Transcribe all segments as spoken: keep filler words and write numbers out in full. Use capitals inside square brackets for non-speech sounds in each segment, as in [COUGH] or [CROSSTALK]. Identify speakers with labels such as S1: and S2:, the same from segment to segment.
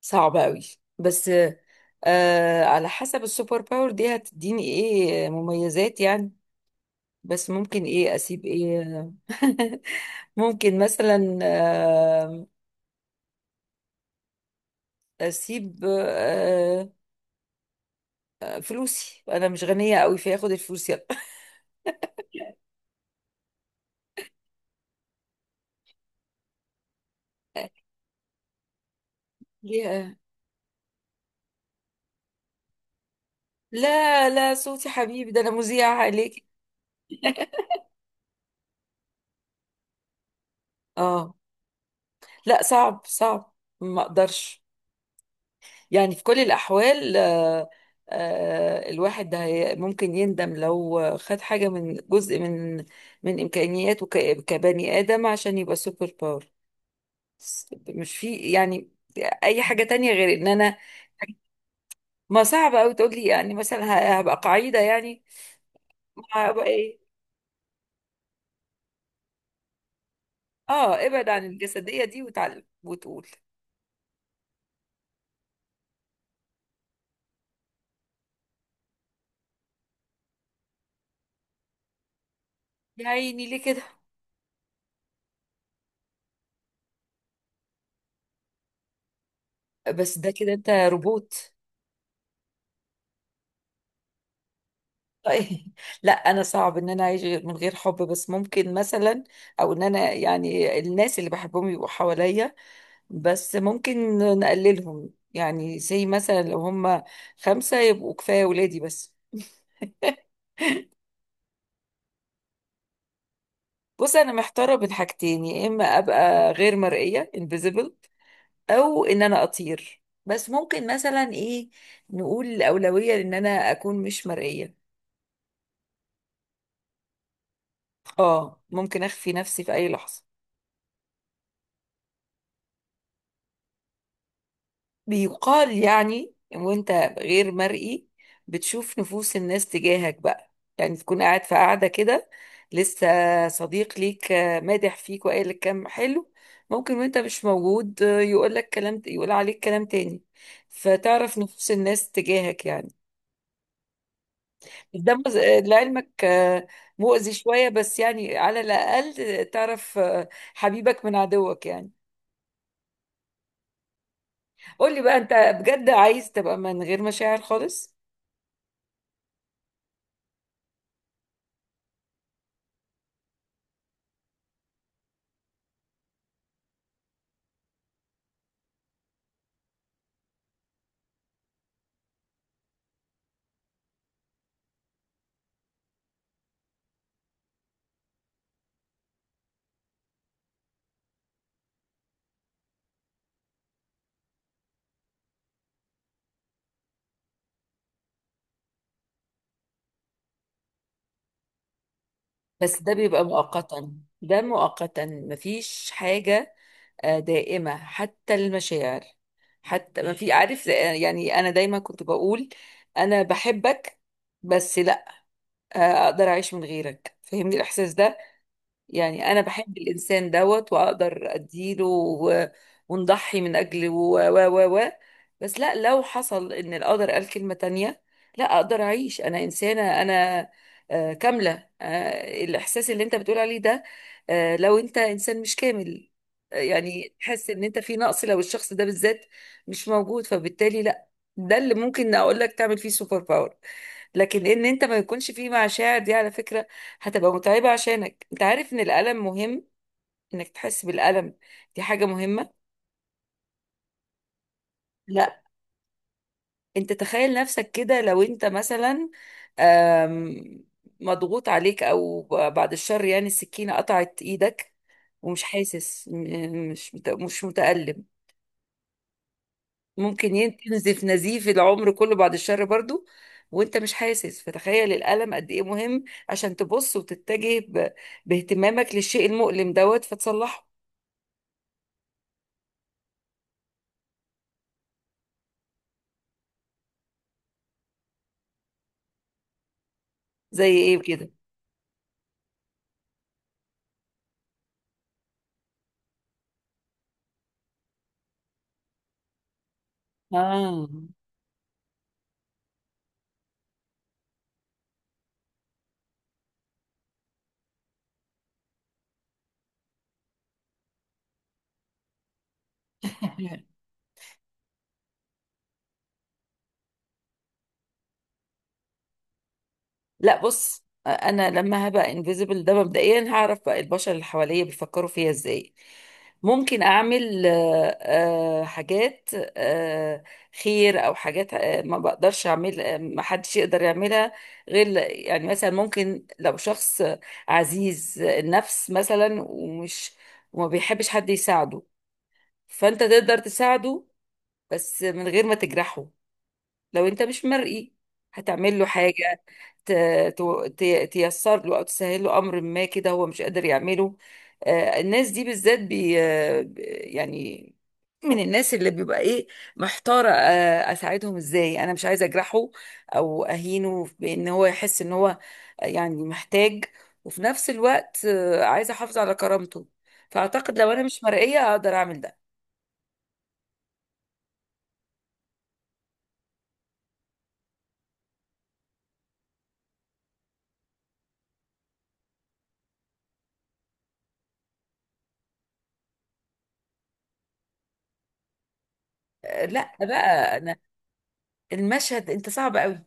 S1: صعب قوي. بس آه على حسب السوبر باور دي هتديني ايه مميزات؟ يعني بس ممكن ايه اسيب ايه [LAUGHS] ممكن مثلا آه اسيب آه آه، فلوسي، انا مش غنية قوي فاخد الفلوس يلا. [LAUGHS] ليه؟ لا لا، صوتي حبيبي ده، انا مذيعة عليك. اه، لا صعب صعب، ما اقدرش. يعني في كل الأحوال آه، آه، الواحد ده هي- ممكن يندم لو خد حاجة من جزء من من إمكانياته ك- كبني آدم عشان يبقى سوبر باور. بس مش في يعني أي حاجة تانية غير إن أنا. ما صعب أوي تقول لي يعني مثلا ه- هبقى قاعدة يعني. ما هبقى إيه؟ آه، ابعد عن الجسدية دي وتعلم وتقول. يا عيني، ليه كده؟ بس ده كده أنت روبوت. طيب. لا، انا صعب ان انا اعيش من غير حب، بس ممكن مثلا. او ان انا يعني الناس اللي بحبهم يبقوا حواليا، بس ممكن نقللهم، يعني زي مثلا لو هم خمسة يبقوا كفاية، ولادي بس. [LAUGHS] بص، انا محتارة بين حاجتين: يا اما ابقى غير مرئية invisible، او ان انا اطير. بس ممكن مثلا ايه، نقول الاولوية ان انا اكون مش مرئية. اه، ممكن اخفي نفسي في اي لحظة. بيقال يعني وانت غير مرئي بتشوف نفوس الناس تجاهك بقى، يعني تكون قاعد في قاعدة كده، لسه صديق ليك آه، مادح فيك وقال لك كلام حلو، ممكن وانت مش موجود آه، يقول لك كلام، يقول عليك كلام تاني، فتعرف نفوس الناس تجاهك يعني. ده مز- آه، لعلمك آه، مؤذي شوية، بس يعني على الأقل تعرف آه، حبيبك من عدوك يعني. قولي بقى انت، بجد عايز تبقى من غير مشاعر خالص؟ بس ده بيبقى مؤقتا. ده مؤقتا، مفيش حاجة آه، دائمة حتى المشاعر. حتى ما في عارف آه، يعني أنا دايما كنت بقول أنا بحبك، بس لا آه، أقدر أعيش من غيرك. فهمني الإحساس ده، يعني انا بحب الانسان دوت واقدر اديله و- ونضحي من اجله و و و و بس لا، لو حصل ان القدر قال كلمة تانية لا اقدر اعيش. انا انسانة، انا آه، كاملة آه، الاحساس اللي انت بتقول عليه ده. آه، لو انت انسان مش كامل آه، يعني تحس ان انت في نقص لو الشخص ده بالذات مش موجود، فبالتالي لا. ده اللي ممكن اقول لك تعمل فيه سوبر باور. لكن ان انت ما يكونش فيه مشاعر دي، على فكرة هتبقى متعبة، عشانك انت عارف ان الألم مهم. انك تحس بالألم، دي حاجة مهمة. لا، انت تخيل نفسك كده لو انت مثلا آم، مضغوط عليك او ب- بعد الشر، يعني السكينة قطعت ايدك ومش حاسس، م- مش مت- مش متألم. ممكن ين- تنزف نزيف العمر كله بعد الشر برضو وانت مش حاسس. فتخيل الألم قد ايه مهم، عشان تبص وتتجه ب- باهتمامك للشيء المؤلم دوت فتصلحه. زي ايه كده؟ اه. [LAUGHS] لا، بص انا لما هبقى انفيزبل، ده مبدئيا هعرف بقى البشر اللي حواليا بيفكروا فيها ازاي. ممكن اعمل آه، آه، حاجات آه، خير او حاجات آه، ما بقدرش اعمل، آه، ما حدش يقدر يعملها غير ل- يعني مثلا ممكن لو شخص عزيز النفس مثلا ومش وما بيحبش حد يساعده، فانت تقدر تساعده بس من غير ما تجرحه. لو انت مش مرئي هتعمل له حاجة ت- ت- تيسر له او تسهل له امر ما، كده هو مش قادر يعمله. آه، الناس دي بالذات بي آه، ب- يعني من الناس اللي بيبقى ايه محتارة آه، اساعدهم ازاي. انا مش عايزة اجرحه او اهينه بان هو يحس ان هو يعني محتاج، وفي نفس الوقت آه، عايزة احافظ على كرامته. فاعتقد لو انا مش مرئية اقدر اعمل ده. آه، لا بقى، انا المشهد انت صعب قوي.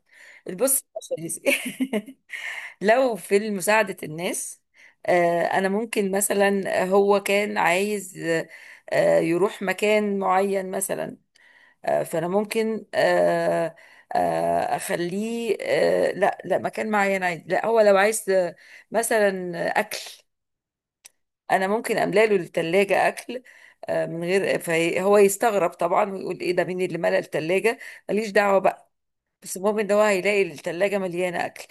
S1: بص. [LAUGHS] المشهد لو في مساعدة الناس، آه، أنا ممكن مثلا، هو كان عايز آه، آه، يروح مكان معين مثلا. آه، فأنا ممكن آه، آه، أخليه، آه، لا لا، مكان معين عايز، لا هو لو عايز آه، مثلا أكل، أنا ممكن أملى له التلاجة أكل، آه، من غير. فهو يستغرب طبعا ويقول إيه ده؟ مين اللي ملى التلاجة؟ ماليش دعوة بقى، بس المهم ان هو هيلاقي التلاجة مليانة اكل.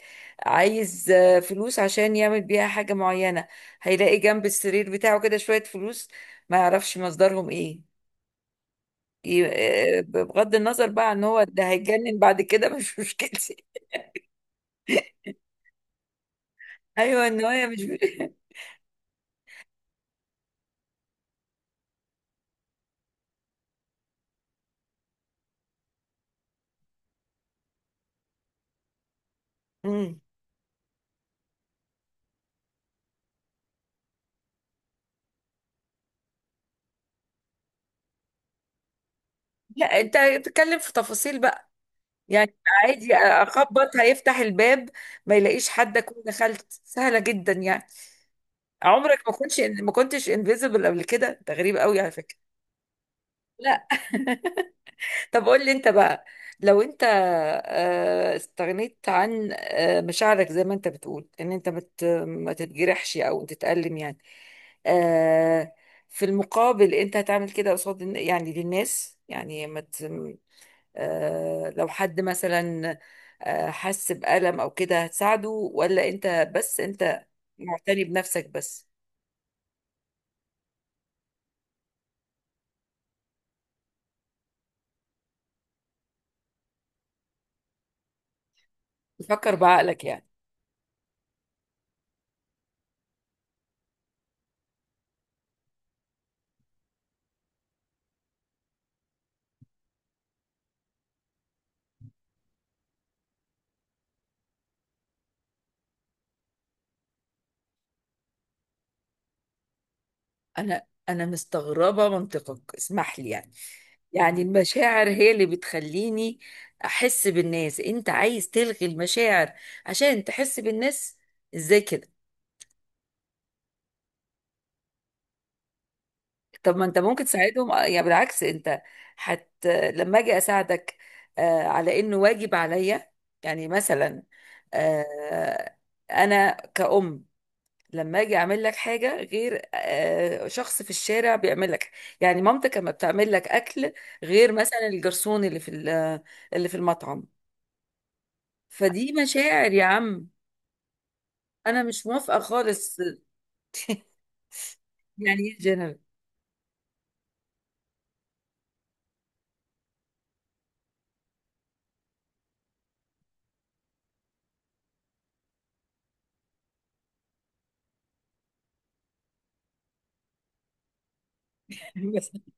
S1: عايز آه، فلوس عشان يعمل بيها حاجة معينة، هيلاقي جنب السرير بتاعه كده شوية فلوس، ما يعرفش مصدرهم ايه. ي- آه، بغض النظر بقى عن هو، ده هيتجنن بعد كده، مش مشكلتي. [LAUGHS] ايوه، النوايا مش. [LAUGHS] مم. لا، انت بتتكلم في تفاصيل بقى يعني. عادي، اخبط هيفتح الباب، ما يلاقيش حد، اكون دخلت، سهلة جدا يعني. عمرك ما كنتش ما كنتش انفيزبل قبل كده؟ ده غريب قوي على فكرة. لا. [LAUGHS] طب قول لي انت بقى، لو انت آه، استغنيت عن آه، مشاعرك زي ما انت بتقول ان انت مت ما تتجرحش او تتألم يعني، آه، في المقابل انت هتعمل كده قصاد الن- يعني للناس، يعني ما ت- آه، لو حد مثلا آه، حس بألم او كده هتساعده؟ ولا انت بس انت معتني بنفسك بس، تفكر بعقلك يعني؟ انا انا مستغربه منطقك، اسمح لي يعني. يعني المشاعر هي اللي بتخليني احس بالناس. انت عايز تلغي المشاعر عشان تحس بالناس؟ ازاي كده؟ طب ما انت ممكن تساعدهم آه، يعني. بالعكس، انت حت لما اجي اساعدك آه، على انه واجب عليا. يعني مثلا آه، انا كأم لما اجي اعمل لك حاجه غير آه، شخص في الشارع بيعمل لك. يعني مامتك لما بتعمل لك اكل غير مثلا الجرسون اللي في ال- اللي في المطعم. فدي مشاعر يا عم. انا مش موافقه خالص. يعني ايه جنرال؟ [LAUGHS]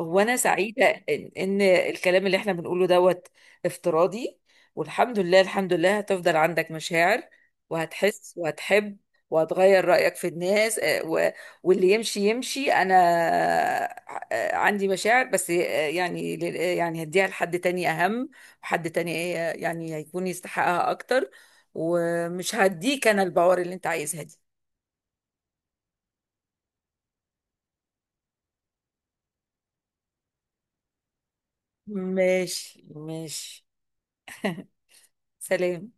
S1: هو أنا سعيدة إن إن الكلام اللي إحنا بنقوله دوت افتراضي. والحمد لله، الحمد لله هتفضل عندك مشاعر، وهتحس وهتحب، وهتغير رأيك في الناس، آه، و- واللي يمشي يمشي. أنا آه، عندي مشاعر بس، آه، يعني لل- آه، يعني هديها لحد تاني أهم، وحد تاني آه، يعني هيكون يستحقها أكتر، ومش هديك أنا البوار اللي أنت عايزها دي. ماشي ماشي، سلام.